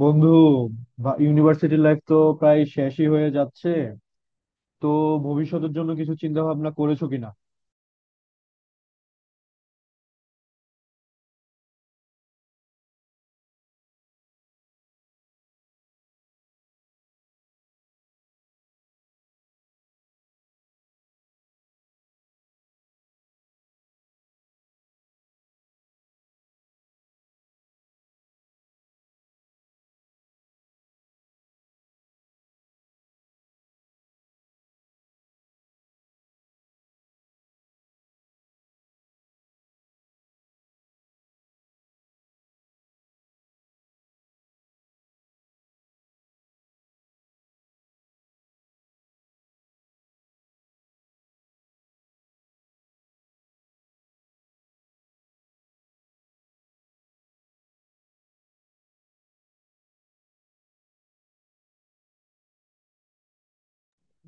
বন্ধু, university life তো প্রায় শেষই হয়ে যাচ্ছে, তো ভবিষ্যতের জন্য কিছু চিন্তা ভাবনা করেছো কিনা?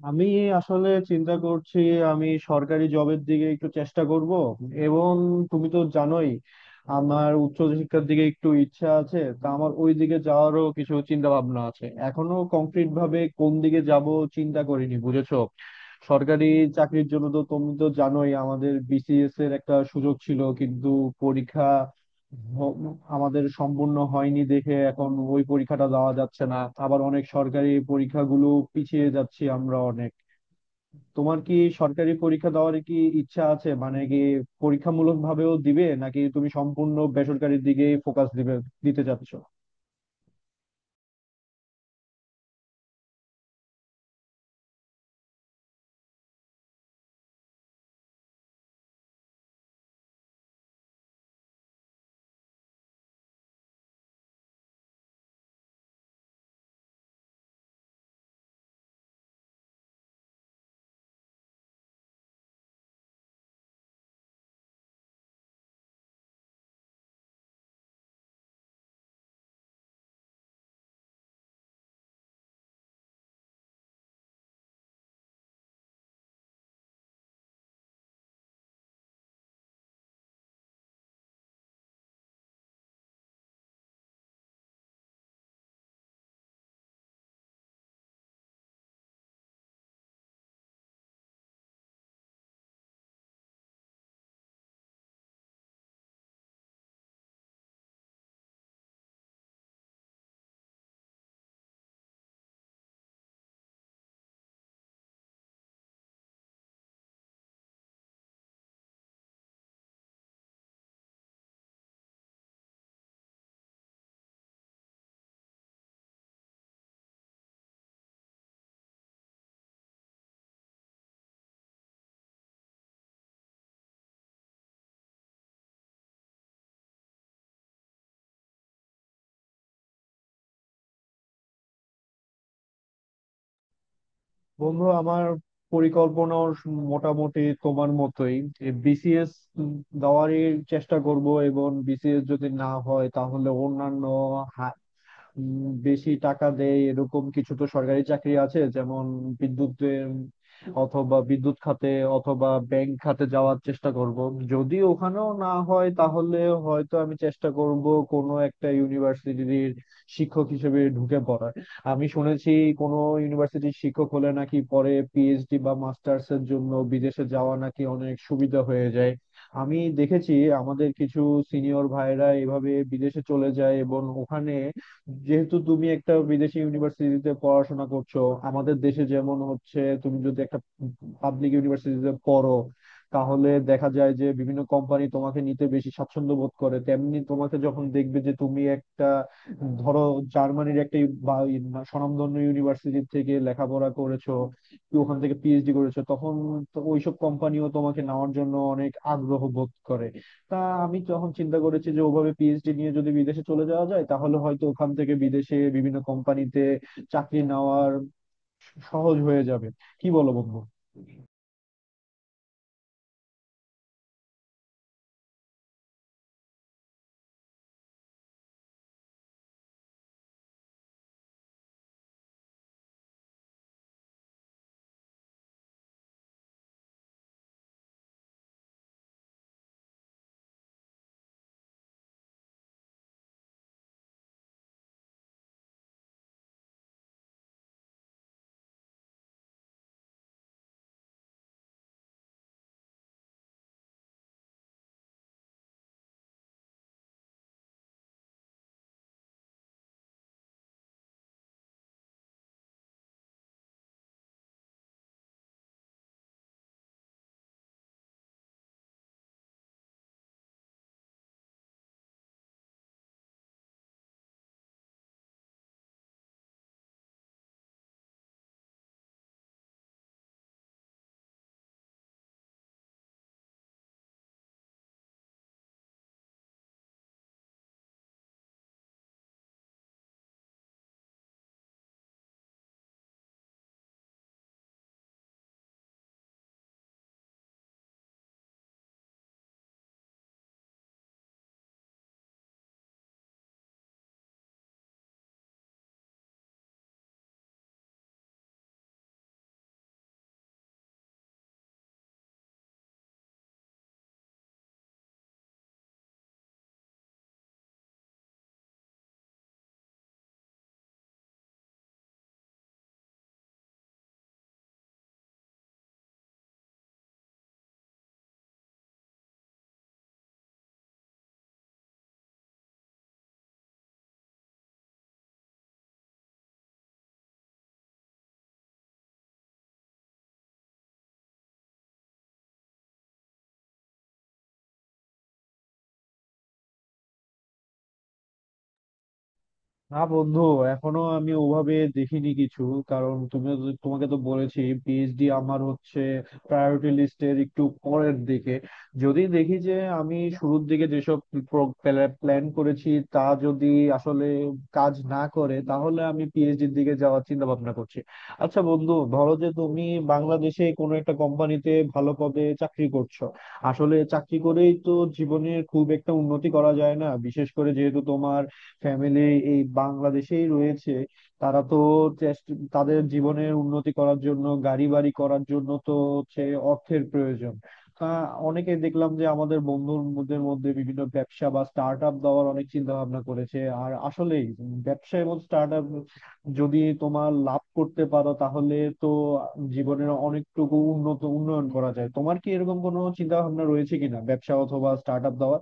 আমি আসলে চিন্তা করছি, আমি সরকারি জবের দিকে একটু চেষ্টা করব। এবং তুমি তো জানোই আমার উচ্চ শিক্ষার দিকে একটু ইচ্ছা আছে, তা আমার ওই দিকে যাওয়ারও কিছু চিন্তা ভাবনা আছে। এখনো কংক্রিট ভাবে কোন দিকে যাব চিন্তা করিনি, বুঝেছো। সরকারি চাকরির জন্য তো তুমি তো জানোই, আমাদের বিসিএস এর একটা সুযোগ ছিল, কিন্তু পরীক্ষা হ- আমাদের সম্পূর্ণ হয়নি দেখে এখন ওই পরীক্ষাটা দেওয়া যাচ্ছে না। আবার অনেক সরকারি পরীক্ষাগুলো পিছিয়ে যাচ্ছি আমরা অনেক। তোমার কি সরকারি পরীক্ষা দেওয়ার কি ইচ্ছা আছে, মানে কি পরীক্ষামূলক ভাবেও দিবে, নাকি তুমি সম্পূর্ণ বেসরকারির দিকেই ফোকাস দিবে, দিতে চাচ্ছ? বন্ধু, আমার পরিকল্পনা মোটামুটি তোমার মতোই। বিসিএস দেওয়ারই চেষ্টা করব, এবং বিসিএস যদি না হয় তাহলে অন্যান্য বেশি টাকা দেয় এরকম কিছু তো সরকারি চাকরি আছে, যেমন বিদ্যুতের অথবা বিদ্যুৎ খাতে অথবা ব্যাংক খাতে যাওয়ার চেষ্টা করব। যদি ওখানেও না হয় তাহলে হয়তো আমি চেষ্টা করব কোনো একটা ইউনিভার্সিটির শিক্ষক হিসেবে ঢুকে পড়ার। আমি শুনেছি কোনো ইউনিভার্সিটির শিক্ষক হলে নাকি পরে পিএইচডি বা মাস্টার্স এর জন্য বিদেশে যাওয়া নাকি অনেক সুবিধা হয়ে যায়। আমি দেখেছি আমাদের কিছু সিনিয়র ভাইরা এভাবে বিদেশে চলে যায়, এবং ওখানে যেহেতু তুমি একটা বিদেশি ইউনিভার্সিটিতে পড়াশোনা করছো। আমাদের দেশে যেমন হচ্ছে, তুমি যদি একটা পাবলিক ইউনিভার্সিটিতে পড়ো তাহলে দেখা যায় যে বিভিন্ন কোম্পানি তোমাকে নিতে বেশি স্বাচ্ছন্দ্য বোধ করে, তেমনি তোমাকে যখন দেখবে যে তুমি একটা, ধরো, জার্মানির একটা বা স্বনামধন্য ইউনিভার্সিটি থেকে লেখাপড়া করেছো, কি ওখান থেকে পিএইচডি করেছো, তখন তো ওইসব কোম্পানিও তোমাকে নেওয়ার জন্য অনেক আগ্রহ বোধ করে। তা আমি যখন চিন্তা করেছি যে ওভাবে পিএইচডি নিয়ে যদি বিদেশে চলে যাওয়া যায়, তাহলে হয়তো ওখান থেকে বিদেশে বিভিন্ন কোম্পানিতে চাকরি নেওয়ার সহজ হয়ে যাবে। কি বলো বন্ধু? না বন্ধু, এখনো আমি ওভাবে দেখিনি কিছু। কারণ তুমি, তোমাকে তো বলেছি পিএইচডি আমার হচ্ছে প্রায়োরিটি লিস্টের একটু পরের দিকে। যদি দেখি যে আমি শুরুর দিকে যেসব প্ল্যান করেছি তা যদি আসলে কাজ না করে, তাহলে আমি পিএইচডির দিকে যাওয়ার চিন্তা ভাবনা করছি। আচ্ছা বন্ধু, ধরো যে তুমি বাংলাদেশে কোনো একটা কোম্পানিতে ভালো পদে চাকরি করছো, আসলে চাকরি করেই তো জীবনের খুব একটা উন্নতি করা যায় না। বিশেষ করে যেহেতু তোমার ফ্যামিলি এই বাংলাদেশেই রয়েছে, তারা তো চেষ্টা, তাদের জীবনের উন্নতি করার জন্য, গাড়ি বাড়ি করার জন্য তো হচ্ছে অর্থের প্রয়োজন। তা অনেকে দেখলাম যে আমাদের বন্ধুদের মধ্যে বিভিন্ন ব্যবসা বা স্টার্ট আপ দেওয়ার অনেক চিন্তা ভাবনা করেছে। আর আসলেই ব্যবসা এবং স্টার্ট আপ যদি তোমার লাভ করতে পারো, তাহলে তো জীবনের অনেকটুকু উন্নত উন্নয়ন করা যায়। তোমার কি এরকম কোনো চিন্তা ভাবনা রয়েছে কিনা ব্যবসা অথবা স্টার্ট আপ দেওয়ার?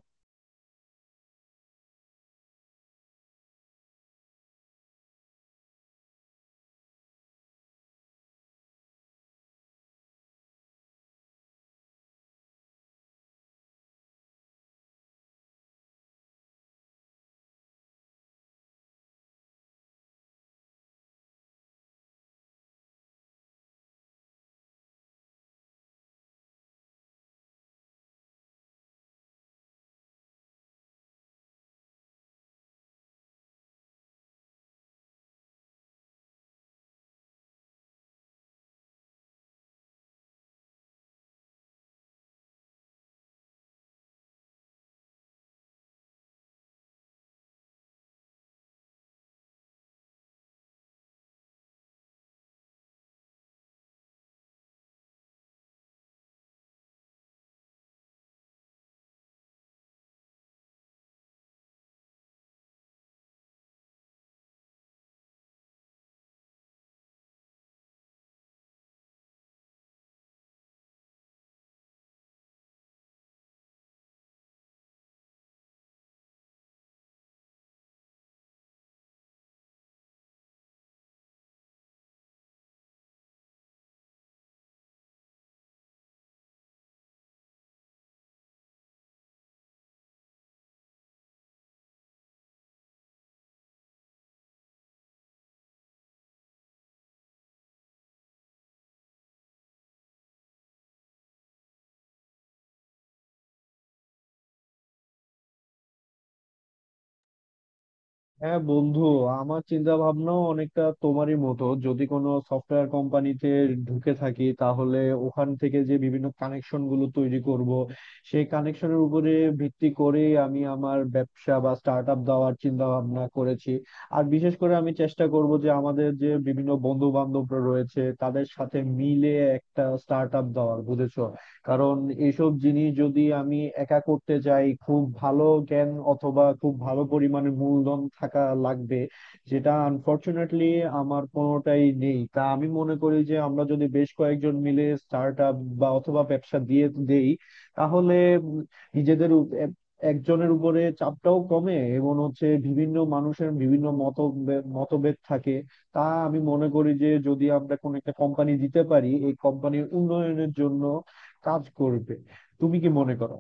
হ্যাঁ বন্ধু, আমার চিন্তা ভাবনাও অনেকটা তোমারই মতো। যদি কোনো সফটওয়্যার কোম্পানিতে ঢুকে থাকি, তাহলে ওখান থেকে যে বিভিন্ন কানেকশন গুলো তৈরি করব, সেই কানেকশনের উপরে ভিত্তি করে আমি আমার ব্যবসা বা স্টার্ট আপ দেওয়ার চিন্তা ভাবনা করেছি। আর বিশেষ করে আমি চেষ্টা করব যে আমাদের যে বিভিন্ন বন্ধু বান্ধবরা রয়েছে তাদের সাথে মিলে একটা স্টার্ট আপ দেওয়ার, বুঝেছো। কারণ এইসব জিনিস যদি আমি একা করতে যাই, খুব ভালো জ্ঞান অথবা খুব ভালো পরিমাণে মূলধন থাকা লাগবে, যেটা আনফরচুনেটলি আমার কোনোটাই নেই। তা আমি মনে করি যে আমরা যদি বেশ কয়েকজন মিলে স্টার্ট আপ বা অথবা ব্যবসা দিয়ে দেই, তাহলে নিজেদের একজনের উপরে চাপটাও কমে, এবং হচ্ছে বিভিন্ন মানুষের বিভিন্ন মত মতভেদ থাকে। তা আমি মনে করি যে যদি আমরা কোনো একটা কোম্পানি দিতে পারি, এই কোম্পানির উন্নয়নের জন্য কাজ করবে। তুমি কি মনে করো?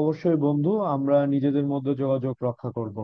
অবশ্যই বন্ধু, আমরা নিজেদের মধ্যে যোগাযোগ রক্ষা করব।